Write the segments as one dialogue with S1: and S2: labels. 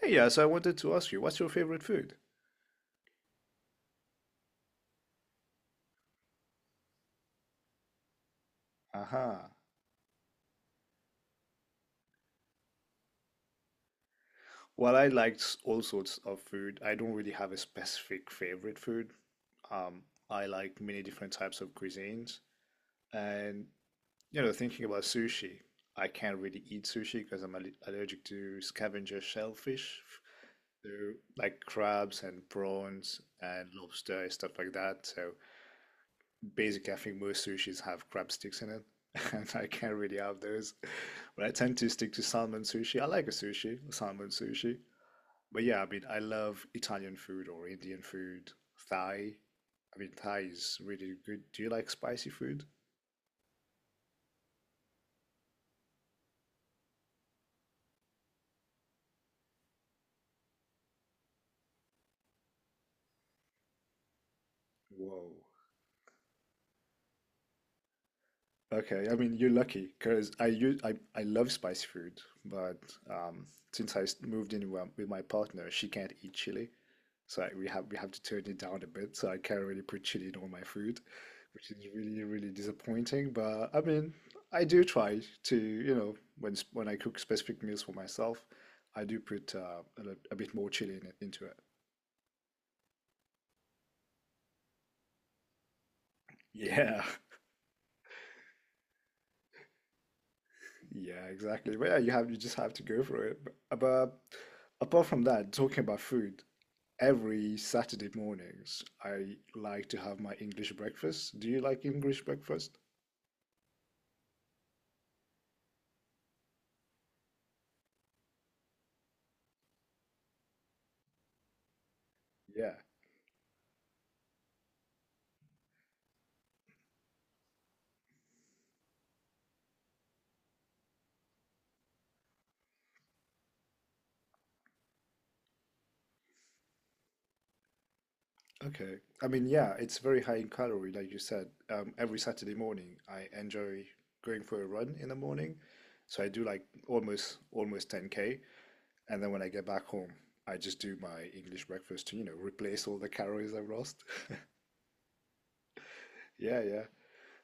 S1: Hey, yeah, so I wanted to ask you, what's your favorite food? Aha. Well, I liked all sorts of food. I don't really have a specific favorite food. Um, I like many different types of cuisines. And, thinking about sushi, I can't really eat sushi because I'm allergic to scavenger shellfish. So, like crabs and prawns and lobster and stuff like that. So, basically, I think most sushis have crab sticks in it, and I can't really have those. But I tend to stick to salmon sushi. I like a sushi, a salmon sushi. But yeah, I mean, I love Italian food or Indian food, Thai. I mean, Thai is really good. Do you like spicy food? Whoa. Okay, I mean, you're lucky because I love spicy food, but um, since I moved in with my partner, she can't eat chili. So we have to turn it down a bit. So I can't really put chili in all my food, which is really really disappointing. But I mean, I do try to when when I cook specific meals for myself, I do put a bit more chili into it. Yeah, yeah, exactly. But yeah, you just have to go for it. But apart from that, talking about food, every Saturday mornings I like to have my English breakfast. Do you like English breakfast? Yeah. Okay. I mean, yeah, it's very high in calorie, like you said. Every Saturday morning, I enjoy going for a run in the morning. So I do like almost 10K. And then when I get back home, I just do my English breakfast to, replace all the calories I've lost. Yeah, yeah.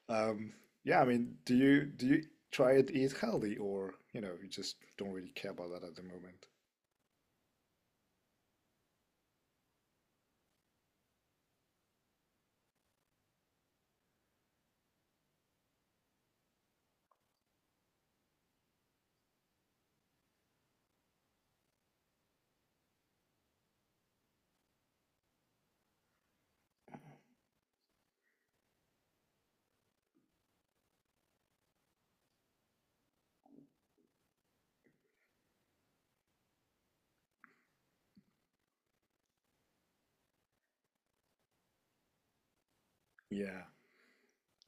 S1: Um, yeah, I mean, do you try to eat healthy or, you just don't really care about that at the moment? Yeah.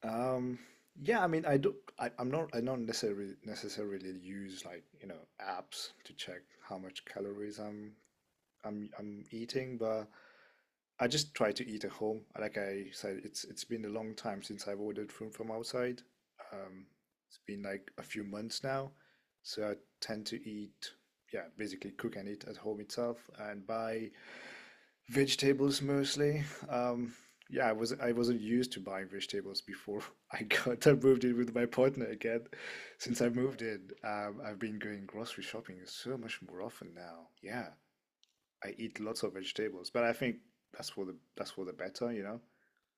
S1: Um, yeah, I mean, I do. I, I'm not. I Don't necessarily use like apps to check how much calories I'm eating, but I just try to eat at home. Like I said, it's been a long time since I've ordered food from outside. Um, it's been like a few months now, so I tend to eat. Yeah, basically cook and eat at home itself and buy vegetables mostly. Um, yeah, I wasn't used to buying vegetables before I moved in with my partner again. Since I moved in, I've been going grocery shopping so much more often now. Yeah, I eat lots of vegetables, but I think that's for the better.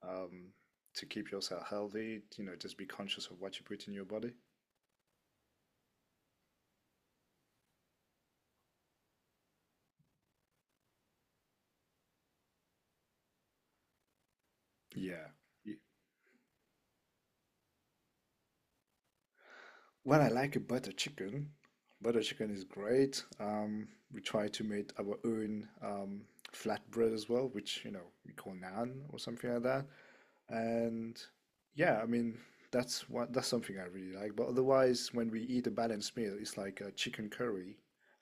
S1: Um, to keep yourself healthy, just be conscious of what you put in your body. Yeah. Y- Well, I like a butter chicken. Butter chicken is great. We try to make our own flatbread as well, which we call naan or something like that. And yeah, I mean that's something I really like. But otherwise, when we eat a balanced meal, it's like a chicken curry,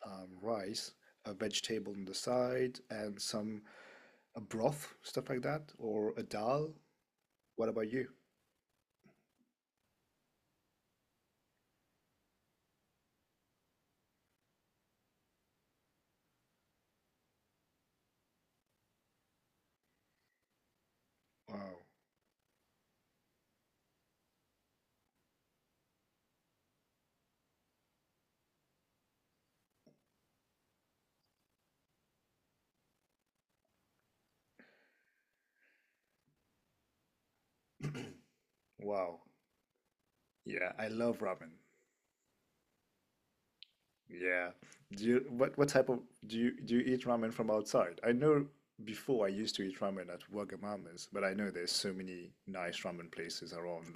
S1: rice, a vegetable on the side, and some a broth, stuff like that, or a dal. What about you? Wow, wow, yeah, I love ramen. Yeah. Do you what type of do you eat ramen from outside? I know before I used to eat ramen at Wagamama's, but I know there's so many nice ramen places around,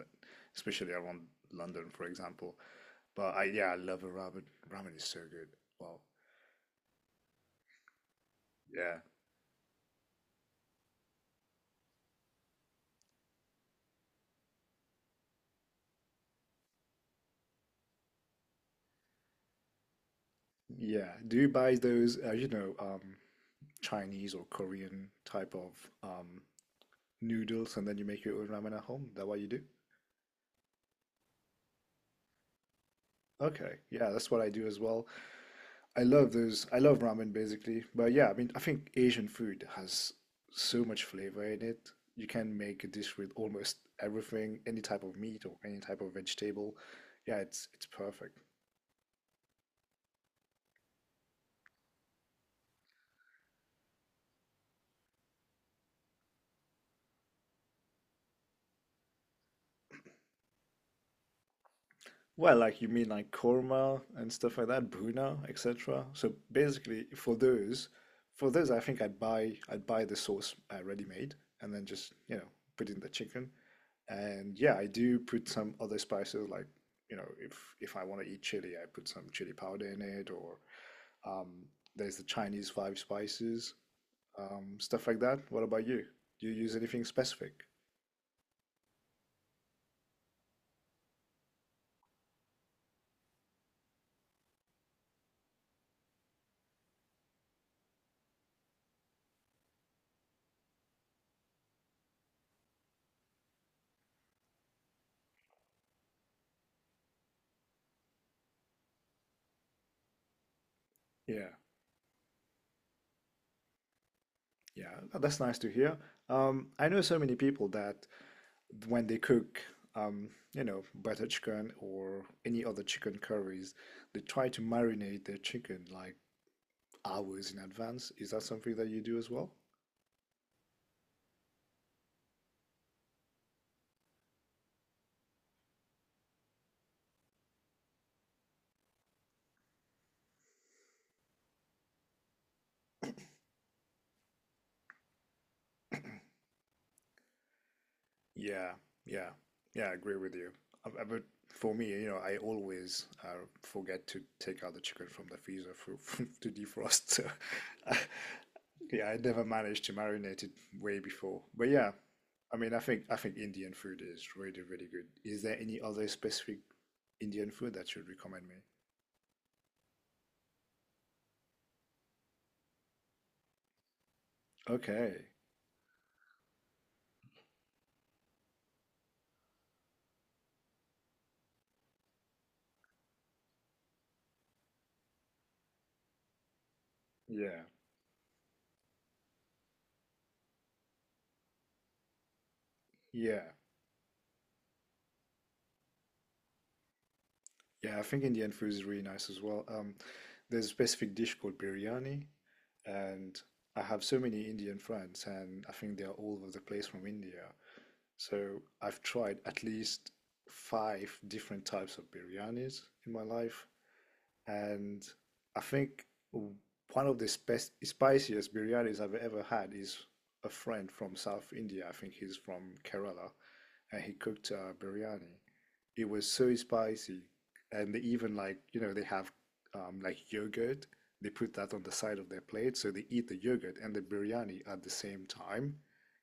S1: especially around London, for example. But I yeah, I love a ramen. Ramen is so good. Wow. Yeah. Yeah. Do you buy those Chinese or Korean type of um noodles and then you make your own ramen at home? Is that what you do? Okay. Yeah, that's what I do as well. I love those. I love ramen basically. But yeah, I mean, I think Asian food has so much flavor in it. You can make a dish with almost everything, any type of meat or any type of vegetable. Yeah, it's perfect. Well, like you mean like korma and stuff like that, buna, etc. So basically, for those, I think I'd buy the sauce ready-made and then just, put in the chicken. And yeah, I do put some other spices like, if I want to eat chili, I put some chili powder in it or um, there's the Chinese five spices, stuff like that. What about you? Do you use anything specific? Yeah, yeah, that's nice to hear. I know so many people that when they cook, butter chicken or any other chicken curries, they try to marinate their chicken like hours in advance. Is that something that you do as well? Yeah, yeah, yeah, I agree with you. But for me, I always forget to take out the chicken from the freezer for, to defrost. So, yeah, I never managed to marinate it way before. But yeah, I mean, I think Indian food is really, really good. Is there any other specific Indian food that you'd recommend me? Okay. Yeah. Yeah. Yeah, I think Indian food is really nice as well. There's a specific dish called biryani, and I have so many Indian friends, and I think they are all over the place from India. So I've tried at least five different types of biryanis in my life, and I think one of the spiciest biryanis I've ever had is a friend from South India. I think he's from Kerala, and he cooked biryani. It was so spicy, and they even like they have like yogurt. They put that on the side of their plate, so they eat the yogurt and the biryani at the same time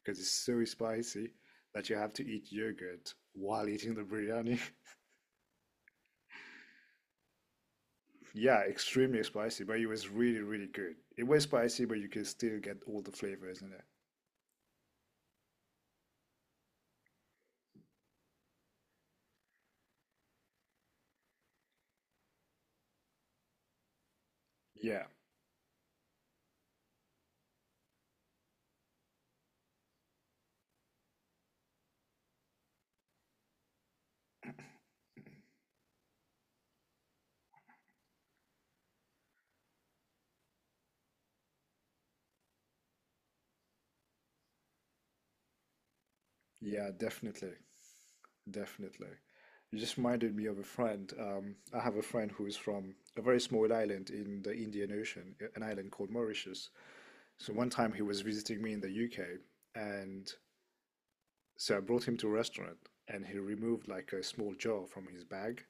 S1: because it's so spicy that you have to eat yogurt while eating the biryani. Yeah, extremely spicy, but it was really, really good. It was spicy, but you can still get all the flavors in it. Yeah, yeah, definitely. Definitely. You just reminded me of a friend. I have a friend who is from a very small island in the Indian Ocean, an island called Mauritius. So one time he was visiting me in the UK, and so I brought him to a restaurant, and he removed like a small jar from his bag,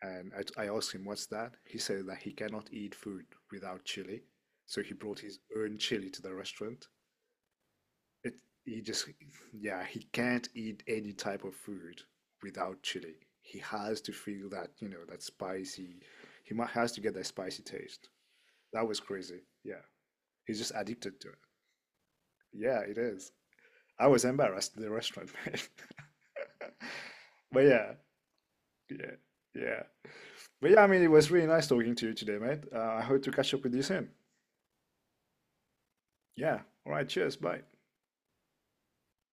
S1: and I asked him, "What's that?" He said that he cannot eat food without chili, so he brought his own chili to the restaurant. It he just yeah, he can't eat any type of food without chili. He has to feel that, that spicy. He has to get that spicy taste. That was crazy. Yeah. He's just addicted to it. Yeah, it is. I was embarrassed in the restaurant, man. But yeah, yeah, yeah. But yeah, I mean, it was really nice talking to you today, mate. I hope to catch up with you soon. Yeah. All right. Cheers. Bye.